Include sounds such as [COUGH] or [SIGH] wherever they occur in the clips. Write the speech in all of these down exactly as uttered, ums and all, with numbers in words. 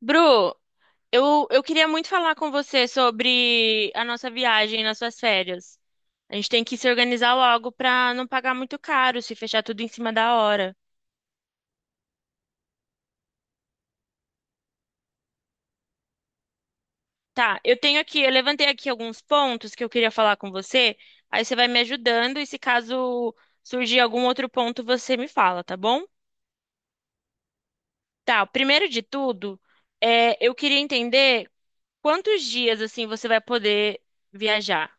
Bru, eu, eu queria muito falar com você sobre a nossa viagem nas suas férias. A gente tem que se organizar logo para não pagar muito caro, se fechar tudo em cima da hora. Tá, eu tenho aqui, eu levantei aqui alguns pontos que eu queria falar com você, aí você vai me ajudando e se caso surgir algum outro ponto, você me fala, tá bom? Tá, primeiro de tudo, é, eu queria entender quantos dias assim você vai poder viajar.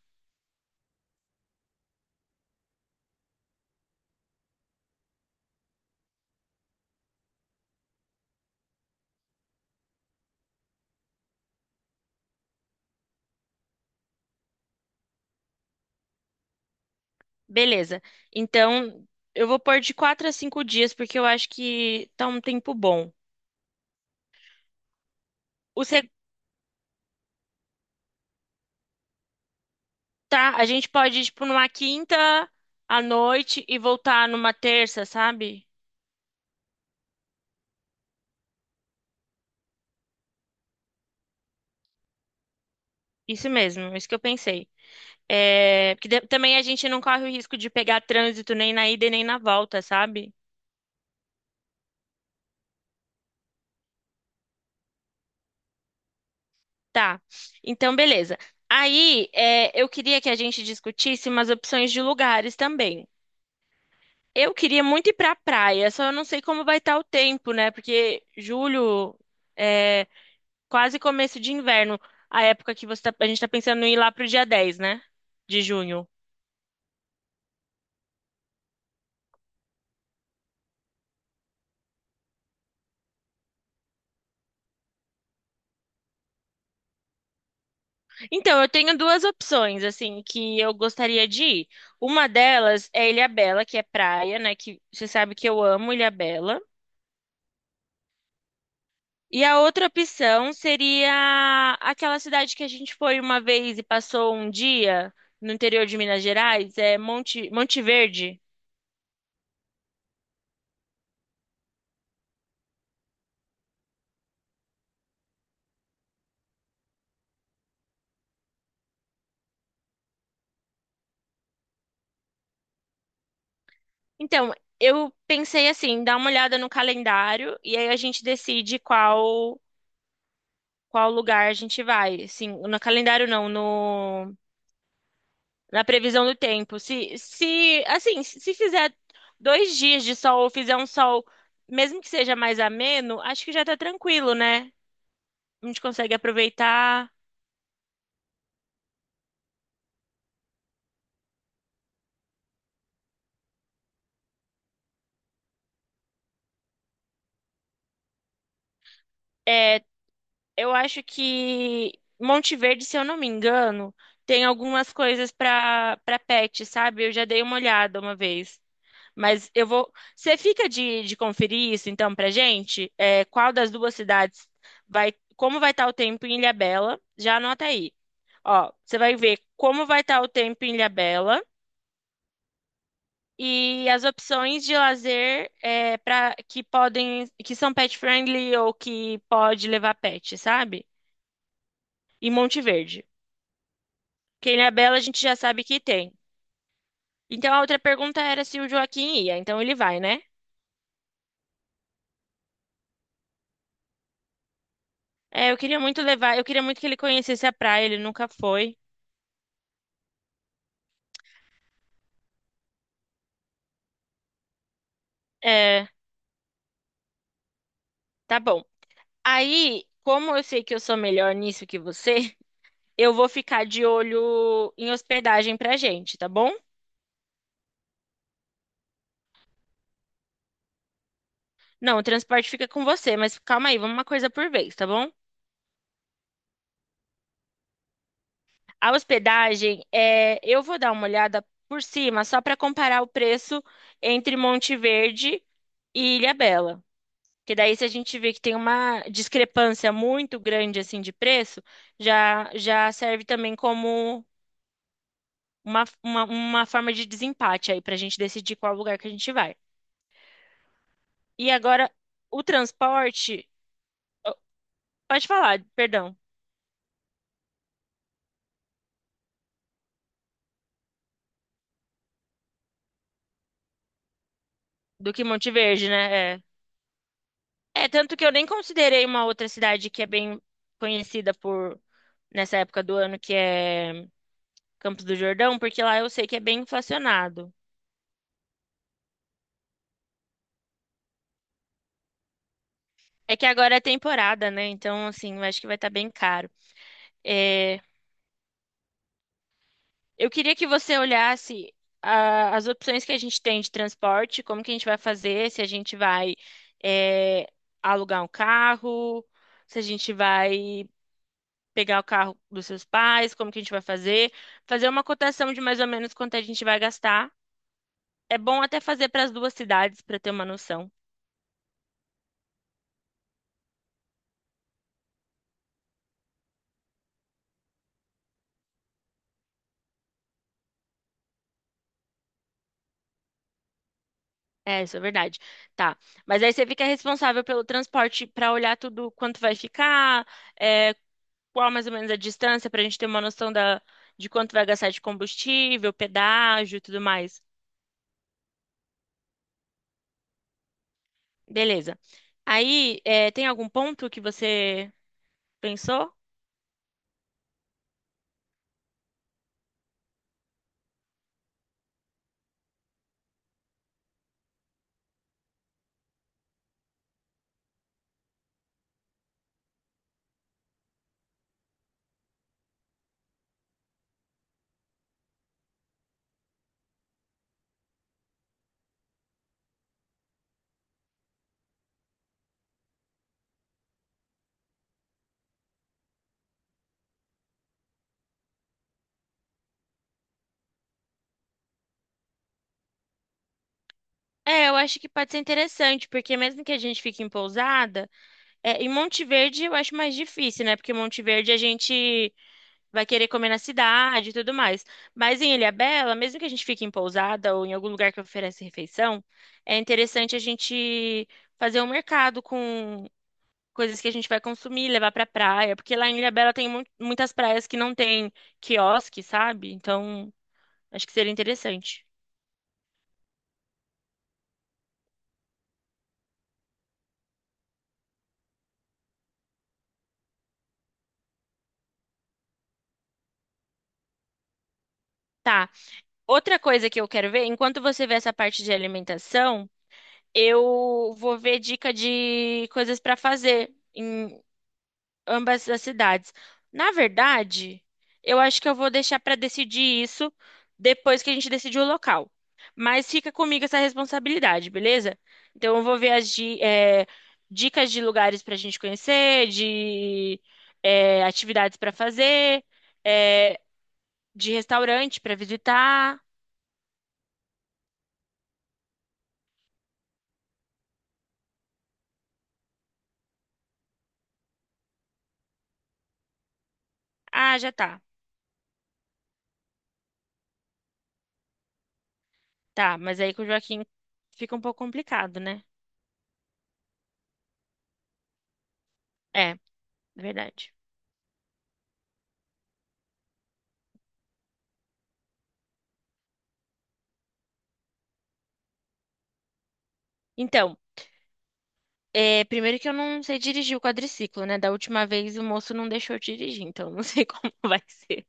Beleza. Então, eu vou pôr de quatro a cinco dias, porque eu acho que tá um tempo bom. O se- Tá, a gente pode ir, tipo, numa quinta à noite e voltar numa terça, sabe? Isso mesmo, isso que eu pensei. É, porque de- também a gente não corre o risco de pegar trânsito nem na ida e nem na volta, sabe? Tá. Então, beleza. Aí, é, eu queria que a gente discutisse umas opções de lugares também. Eu queria muito ir pra praia, só eu não sei como vai estar o tempo, né? Porque julho é quase começo de inverno, a época que você tá- a gente tá pensando em ir lá pro dia dez, né? De junho. Então, eu tenho duas opções, assim, que eu gostaria de ir. Uma delas é Ilhabela, que é praia, né? Que você sabe que eu amo Ilhabela. E a outra opção seria aquela cidade que a gente foi uma vez e passou um dia no interior de Minas Gerais, é Monte, Monte Verde. Então, eu pensei assim, dá uma olhada no calendário e aí a gente decide qual qual lugar a gente vai. Assim, no calendário não, no na previsão do tempo. Se se assim, se fizer dois dias de sol ou fizer um sol, mesmo que seja mais ameno, acho que já tá tranquilo, né? A gente consegue aproveitar. É, eu acho que Monte Verde, se eu não me engano, tem algumas coisas para para pet, sabe? Eu já dei uma olhada uma vez. Mas eu vou. Você fica de, de conferir isso, então, pra gente? É, qual das duas cidades vai. Como vai estar o tempo em Ilhabela? Já anota aí. Ó, você vai ver como vai estar o tempo em Ilhabela e as opções de lazer é, para que podem. Que são pet friendly ou que pode levar pet, sabe? E Monte Verde. Porque em Ilhabela a gente já sabe que tem. Então a outra pergunta era se o Joaquim ia. Então ele vai, né? É, eu queria muito levar, eu queria muito que ele conhecesse a praia, ele nunca foi. É, tá bom. Aí, como eu sei que eu sou melhor nisso que você, [LAUGHS] eu vou ficar de olho em hospedagem pra gente, tá bom? Não, o transporte fica com você, mas calma aí, vamos uma coisa por vez, tá bom? A hospedagem, é, eu vou dar uma olhada por cima, só pra comparar o preço entre Monte Verde e Ilhabela. Que daí, se a gente vê que tem uma discrepância muito grande assim de preço, já já serve também como uma, uma, uma forma de desempate aí para a gente decidir qual lugar que a gente vai. E agora, o transporte, pode falar, perdão, do que Monte Verde, né? É. É, tanto que eu nem considerei uma outra cidade que é bem conhecida por nessa época do ano, que é Campos do Jordão, porque lá eu sei que é bem inflacionado. É que agora é temporada, né? Então, assim, eu acho que vai estar bem caro. É, Eu queria que você olhasse a- as opções que a gente tem de transporte, como que a gente vai fazer, se a gente vai é, alugar um carro, se a gente vai pegar o carro dos seus pais, como que a gente vai fazer, fazer uma cotação de mais ou menos quanto a gente vai gastar. É bom até fazer para as duas cidades para ter uma noção. É, isso é verdade. Tá. Mas aí você fica responsável pelo transporte para olhar tudo quanto vai ficar, é, qual mais ou menos a distância para a gente ter uma noção da, de quanto vai gastar de combustível, pedágio e tudo mais. Beleza. Aí, é, tem algum ponto que você pensou? É, eu acho que pode ser interessante, porque mesmo que a gente fique em pousada, é, em Monte Verde eu acho mais difícil, né? Porque em Monte Verde a gente vai querer comer na cidade e tudo mais. Mas em Ilhabela, mesmo que a gente fique em pousada ou em algum lugar que oferece refeição, é interessante a gente fazer um mercado com coisas que a gente vai consumir, levar pra praia, porque lá em Ilhabela tem mu- muitas praias que não tem quiosque, sabe? Então, acho que seria interessante. Tá. Outra coisa que eu quero ver, enquanto você vê essa parte de alimentação, eu vou ver dica de coisas pra fazer. Ambas as cidades. Na verdade, eu acho que eu vou deixar para decidir isso depois que a gente decidir o local. Mas fica comigo essa responsabilidade, beleza? Então eu vou ver as di- eh, dicas de lugares para a gente conhecer, de eh, atividades para fazer, eh, de restaurante para visitar. Ah, já tá. Tá, mas aí com o Joaquim fica um pouco complicado, né? É, verdade. Então, É, primeiro que eu não sei dirigir o quadriciclo, né? Da última vez o moço não deixou eu dirigir, então eu não [LAUGHS] sei como vai ser.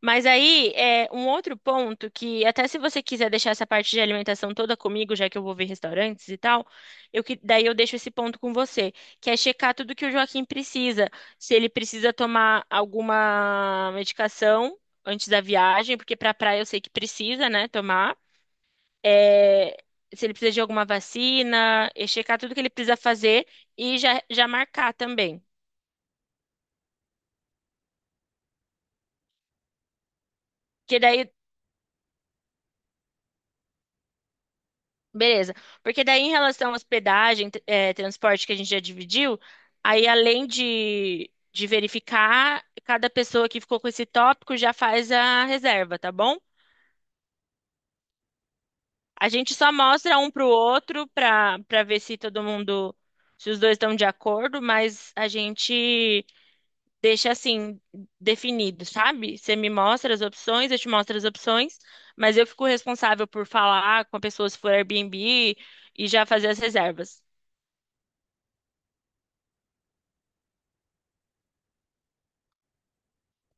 Mas aí, é, um outro ponto que, até se você quiser deixar essa parte de alimentação toda comigo, já que eu vou ver restaurantes e tal, eu, que- daí eu deixo esse ponto com você, que é checar tudo que o Joaquim precisa. Se ele precisa tomar alguma medicação antes da viagem, porque pra praia eu sei que precisa, né, tomar. é, Se ele precisa de alguma vacina, e checar tudo que ele precisa fazer e já, já marcar também. Que daí, beleza. Porque daí, em relação à hospedagem, t- é, transporte que a gente já dividiu, aí além de, de verificar, cada pessoa que ficou com esse tópico já faz a reserva, tá bom? A gente só mostra um pro outro para para ver se todo mundo, se os dois estão de acordo, mas a gente deixa assim definido, sabe? Você me mostra as opções, eu te mostro as opções, mas eu fico responsável por falar com a pessoa se for Airbnb e já fazer as reservas.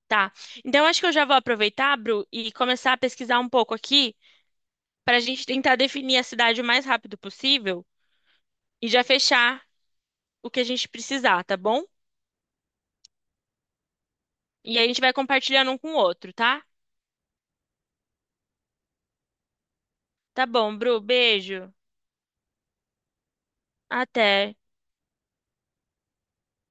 Tá. Então acho que eu já vou aproveitar, Bru, e começar a pesquisar um pouco aqui para a gente tentar definir a cidade o mais rápido possível e já fechar o que a gente precisar, tá bom? E aí a gente vai compartilhando um com o outro, tá? Tá bom, Bru, beijo. Até.